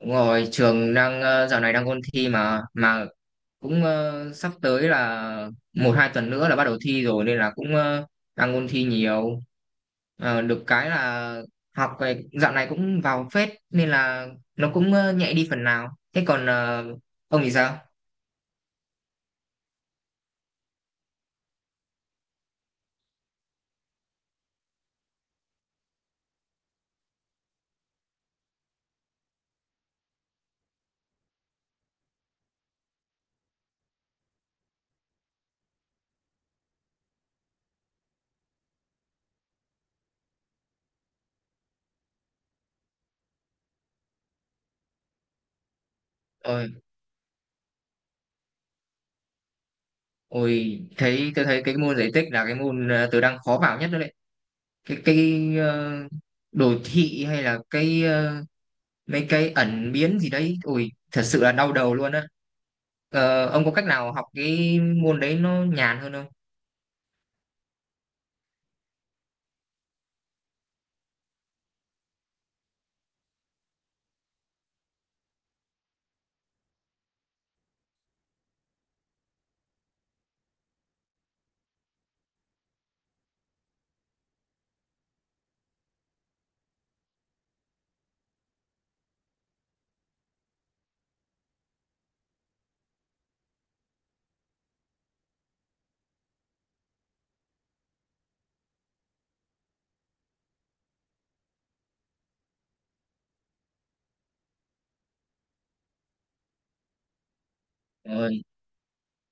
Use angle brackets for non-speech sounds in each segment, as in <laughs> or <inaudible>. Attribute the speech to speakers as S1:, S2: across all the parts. S1: Đúng rồi, trường đang dạo này đang ôn thi mà cũng sắp tới là 1-2 tuần nữa là bắt đầu thi rồi nên là cũng đang ôn thi nhiều. Được cái là học về dạo này cũng vào phết nên là nó cũng nhẹ đi phần nào. Thế còn ông thì sao? Ôi, ôi, tôi thấy cái môn giải tích là cái môn tôi đang khó vào nhất đó đấy. Cái ờ, đồ thị hay là cái mấy cái ẩn biến gì đấy, ôi thật sự là đau đầu luôn á. Ông có cách nào học cái môn đấy nó nhàn hơn không? Ờ,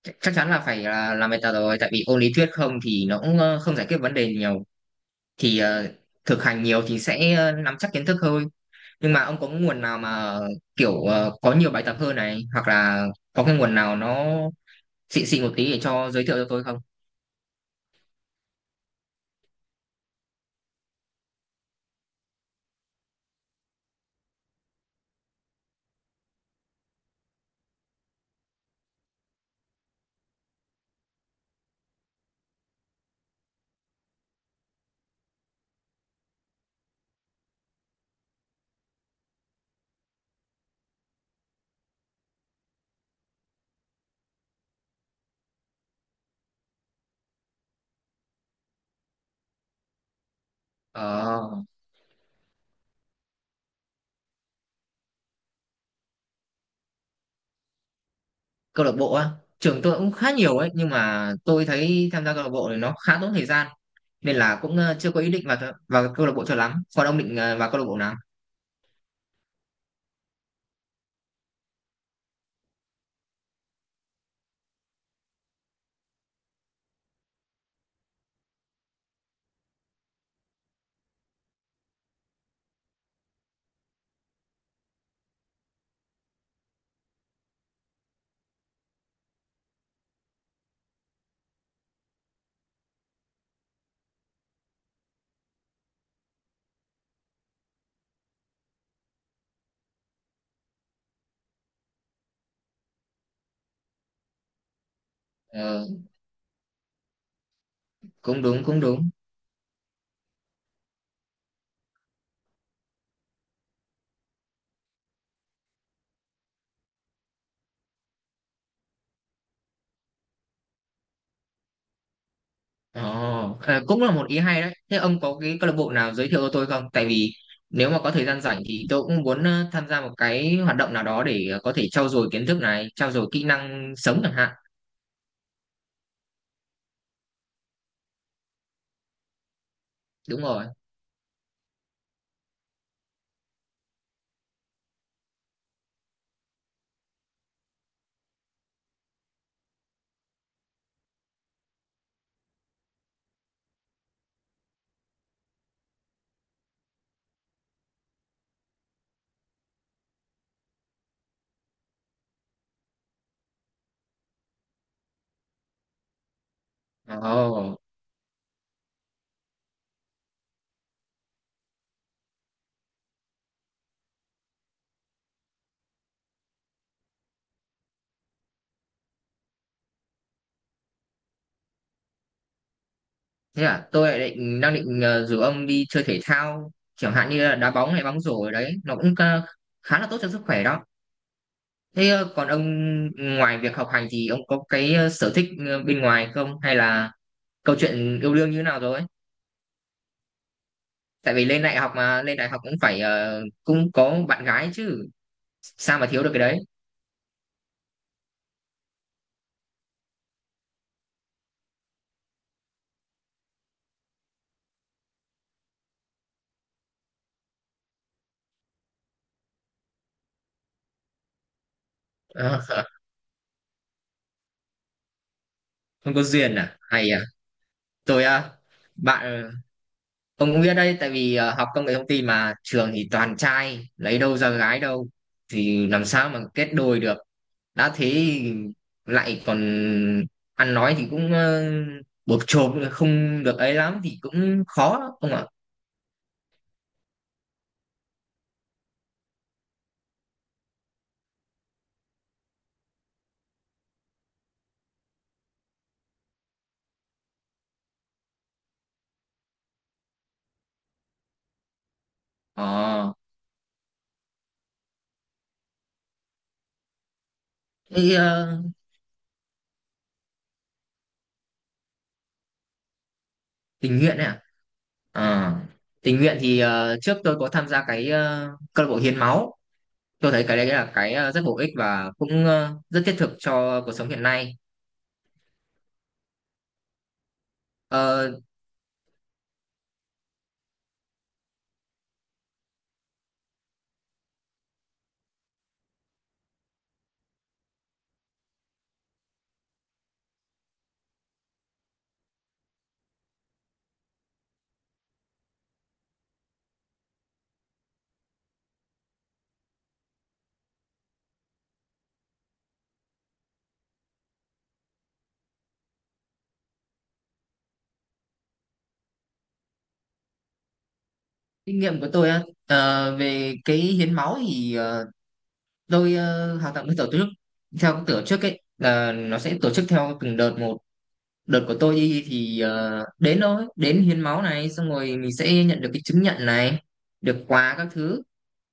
S1: Chắc chắn là phải là làm bài tập rồi, tại vì ôn lý thuyết không thì nó cũng không giải quyết vấn đề nhiều. Thì thực hành nhiều thì sẽ nắm chắc kiến thức hơn. Nhưng mà ông có nguồn nào mà kiểu có nhiều bài tập hơn này, hoặc là có cái nguồn nào nó xịn xịn một tí để cho giới thiệu cho tôi không? Ờ. Câu lạc bộ á, trường tôi cũng khá nhiều ấy nhưng mà tôi thấy tham gia câu lạc bộ thì nó khá tốn thời gian nên là cũng chưa có ý định vào vào câu lạc bộ cho lắm. Còn ông định vào câu lạc bộ nào? Ờ, Cũng đúng, cũng đúng. Ồ, cũng là một ý hay đấy. Thế ông có cái câu lạc bộ nào giới thiệu cho tôi không, tại vì nếu mà có thời gian rảnh thì tôi cũng muốn tham gia một cái hoạt động nào đó để có thể trau dồi kiến thức này, trau dồi kỹ năng sống chẳng hạn. Đúng rồi. Ồ. Thế à, tôi lại đang định rủ ông đi chơi thể thao, chẳng hạn như là đá bóng hay bóng rổ ở đấy, nó cũng khá là tốt cho sức khỏe đó. Thế còn ông, ngoài việc học hành thì ông có cái sở thích bên ngoài không, hay là câu chuyện yêu đương như thế nào rồi? Tại vì lên đại học mà, lên đại học cũng phải cũng có bạn gái chứ, sao mà thiếu được cái đấy? <laughs> Không có duyên à? Hay à? Tôi, bạn. Ông cũng biết đấy, tại vì học công nghệ thông tin mà trường thì toàn trai, lấy đâu ra gái đâu thì làm sao mà kết đôi được. Đã thế thì lại còn ăn nói thì cũng bộp chộp không được ấy lắm thì cũng khó lắm, ông ạ. Ờ thế, ờ, tình nguyện này à? Ờ, Tình nguyện thì trước tôi có tham gia cái câu lạc bộ hiến máu. Tôi thấy cái đấy là cái rất bổ ích và cũng rất thiết thực cho cuộc sống hiện nay. Ờ, Kinh nghiệm của tôi á, về cái hiến máu thì tôi hoạt động với tổ chức, theo cái tổ chức ấy là nó sẽ tổ chức theo từng đợt một. Đợt của tôi đi thì đến hiến máu này, xong rồi mình sẽ nhận được cái chứng nhận này, được quà các thứ.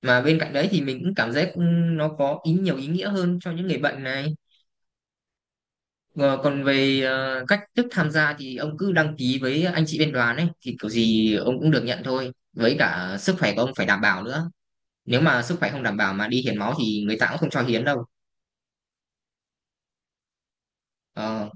S1: Mà bên cạnh đấy thì mình cũng cảm giác nó có ý nhiều ý nghĩa hơn cho những người bệnh này. Ờ, Còn về cách thức tham gia thì ông cứ đăng ký với anh chị bên đoàn ấy thì kiểu gì ông cũng được nhận thôi, với cả sức khỏe của ông phải đảm bảo nữa. Nếu mà sức khỏe không đảm bảo mà đi hiến máu thì người ta cũng không cho hiến đâu. Ờ,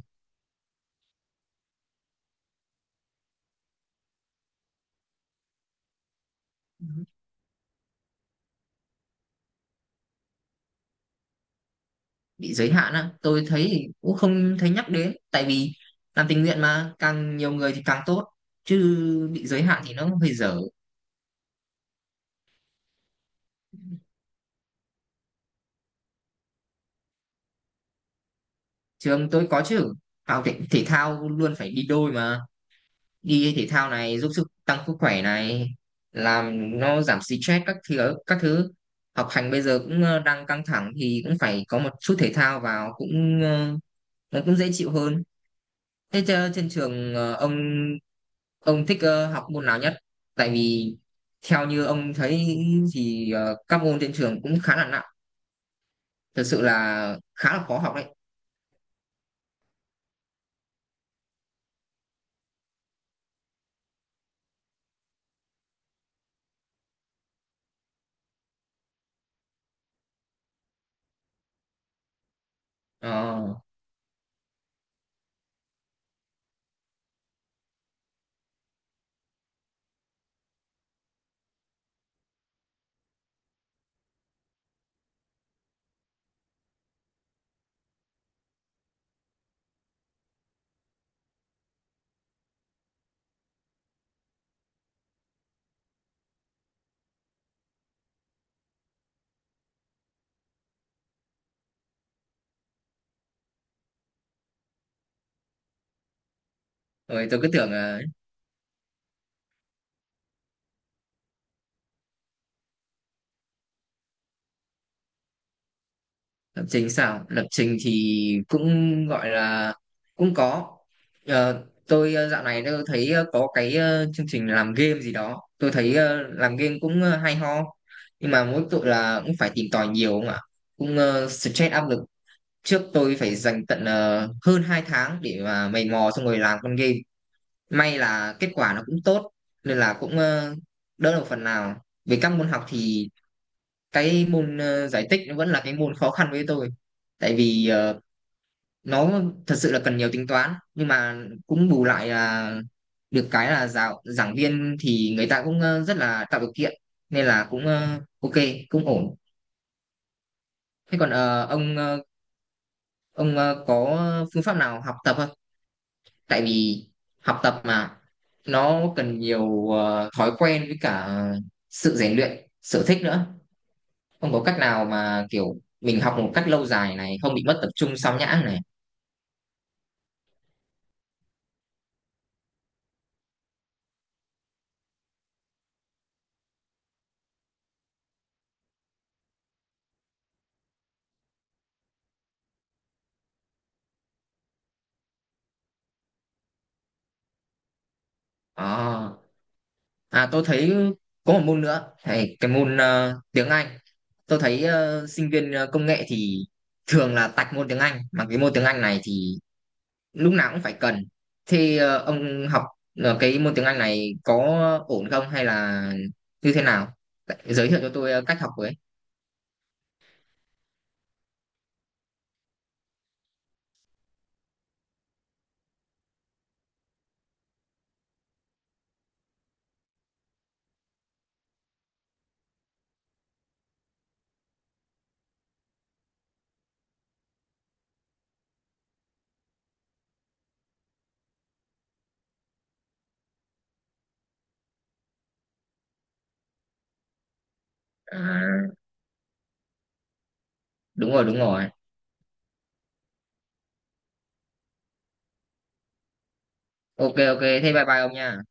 S1: bị giới hạn á, tôi thấy thì cũng không thấy nhắc đến, tại vì làm tình nguyện mà càng nhiều người thì càng tốt chứ, bị giới hạn thì nó hơi dở. Trường tôi có chứ, học thể thao luôn phải đi đôi mà. Đi thể thao này giúp sức, tăng sức khỏe này, làm nó giảm stress các thứ các thứ. Học hành bây giờ cũng đang căng thẳng thì cũng phải có một chút thể thao vào, cũng nó cũng dễ chịu hơn. Thế trên trường ông thích học môn nào nhất? Tại vì theo như ông thấy thì các môn trên trường cũng khá là nặng, thực sự là khá là khó học đấy. Ờ, Rồi tôi cứ tưởng là lập trình sao? Lập trình thì cũng gọi là cũng có. Tôi, dạo này tôi thấy có cái chương trình làm game gì đó. Tôi thấy làm game cũng hay ho, nhưng mà mỗi tội là cũng phải tìm tòi nhiều không ạ? Cũng stress, áp lực. Trước tôi phải dành tận hơn 2 tháng để mà mày mò xong rồi làm con game, may là kết quả nó cũng tốt nên là cũng đỡ được phần nào. Về các môn học thì cái môn giải tích nó vẫn là cái môn khó khăn với tôi, tại vì nó thật sự là cần nhiều tính toán, nhưng mà cũng bù lại là được cái là giảng viên thì người ta cũng rất là tạo điều kiện nên là cũng ok, cũng ổn. Thế còn ông, có phương pháp nào học tập không, tại vì học tập mà nó cần nhiều thói quen với cả sự rèn luyện, sở thích nữa, không có cách nào mà kiểu mình học một cách lâu dài này, không bị mất tập trung, sao nhãng này. Ờ. À, tôi thấy có một môn nữa thầy cái môn tiếng Anh. Tôi thấy sinh viên công nghệ thì thường là tạch môn tiếng Anh, mà cái môn tiếng Anh này thì lúc nào cũng phải cần. Thì ông học cái môn tiếng Anh này có ổn không hay là như thế nào? Giới thiệu cho tôi cách học với. À, đúng rồi, đúng rồi. Ok, ok. Thế bye bye ông nha.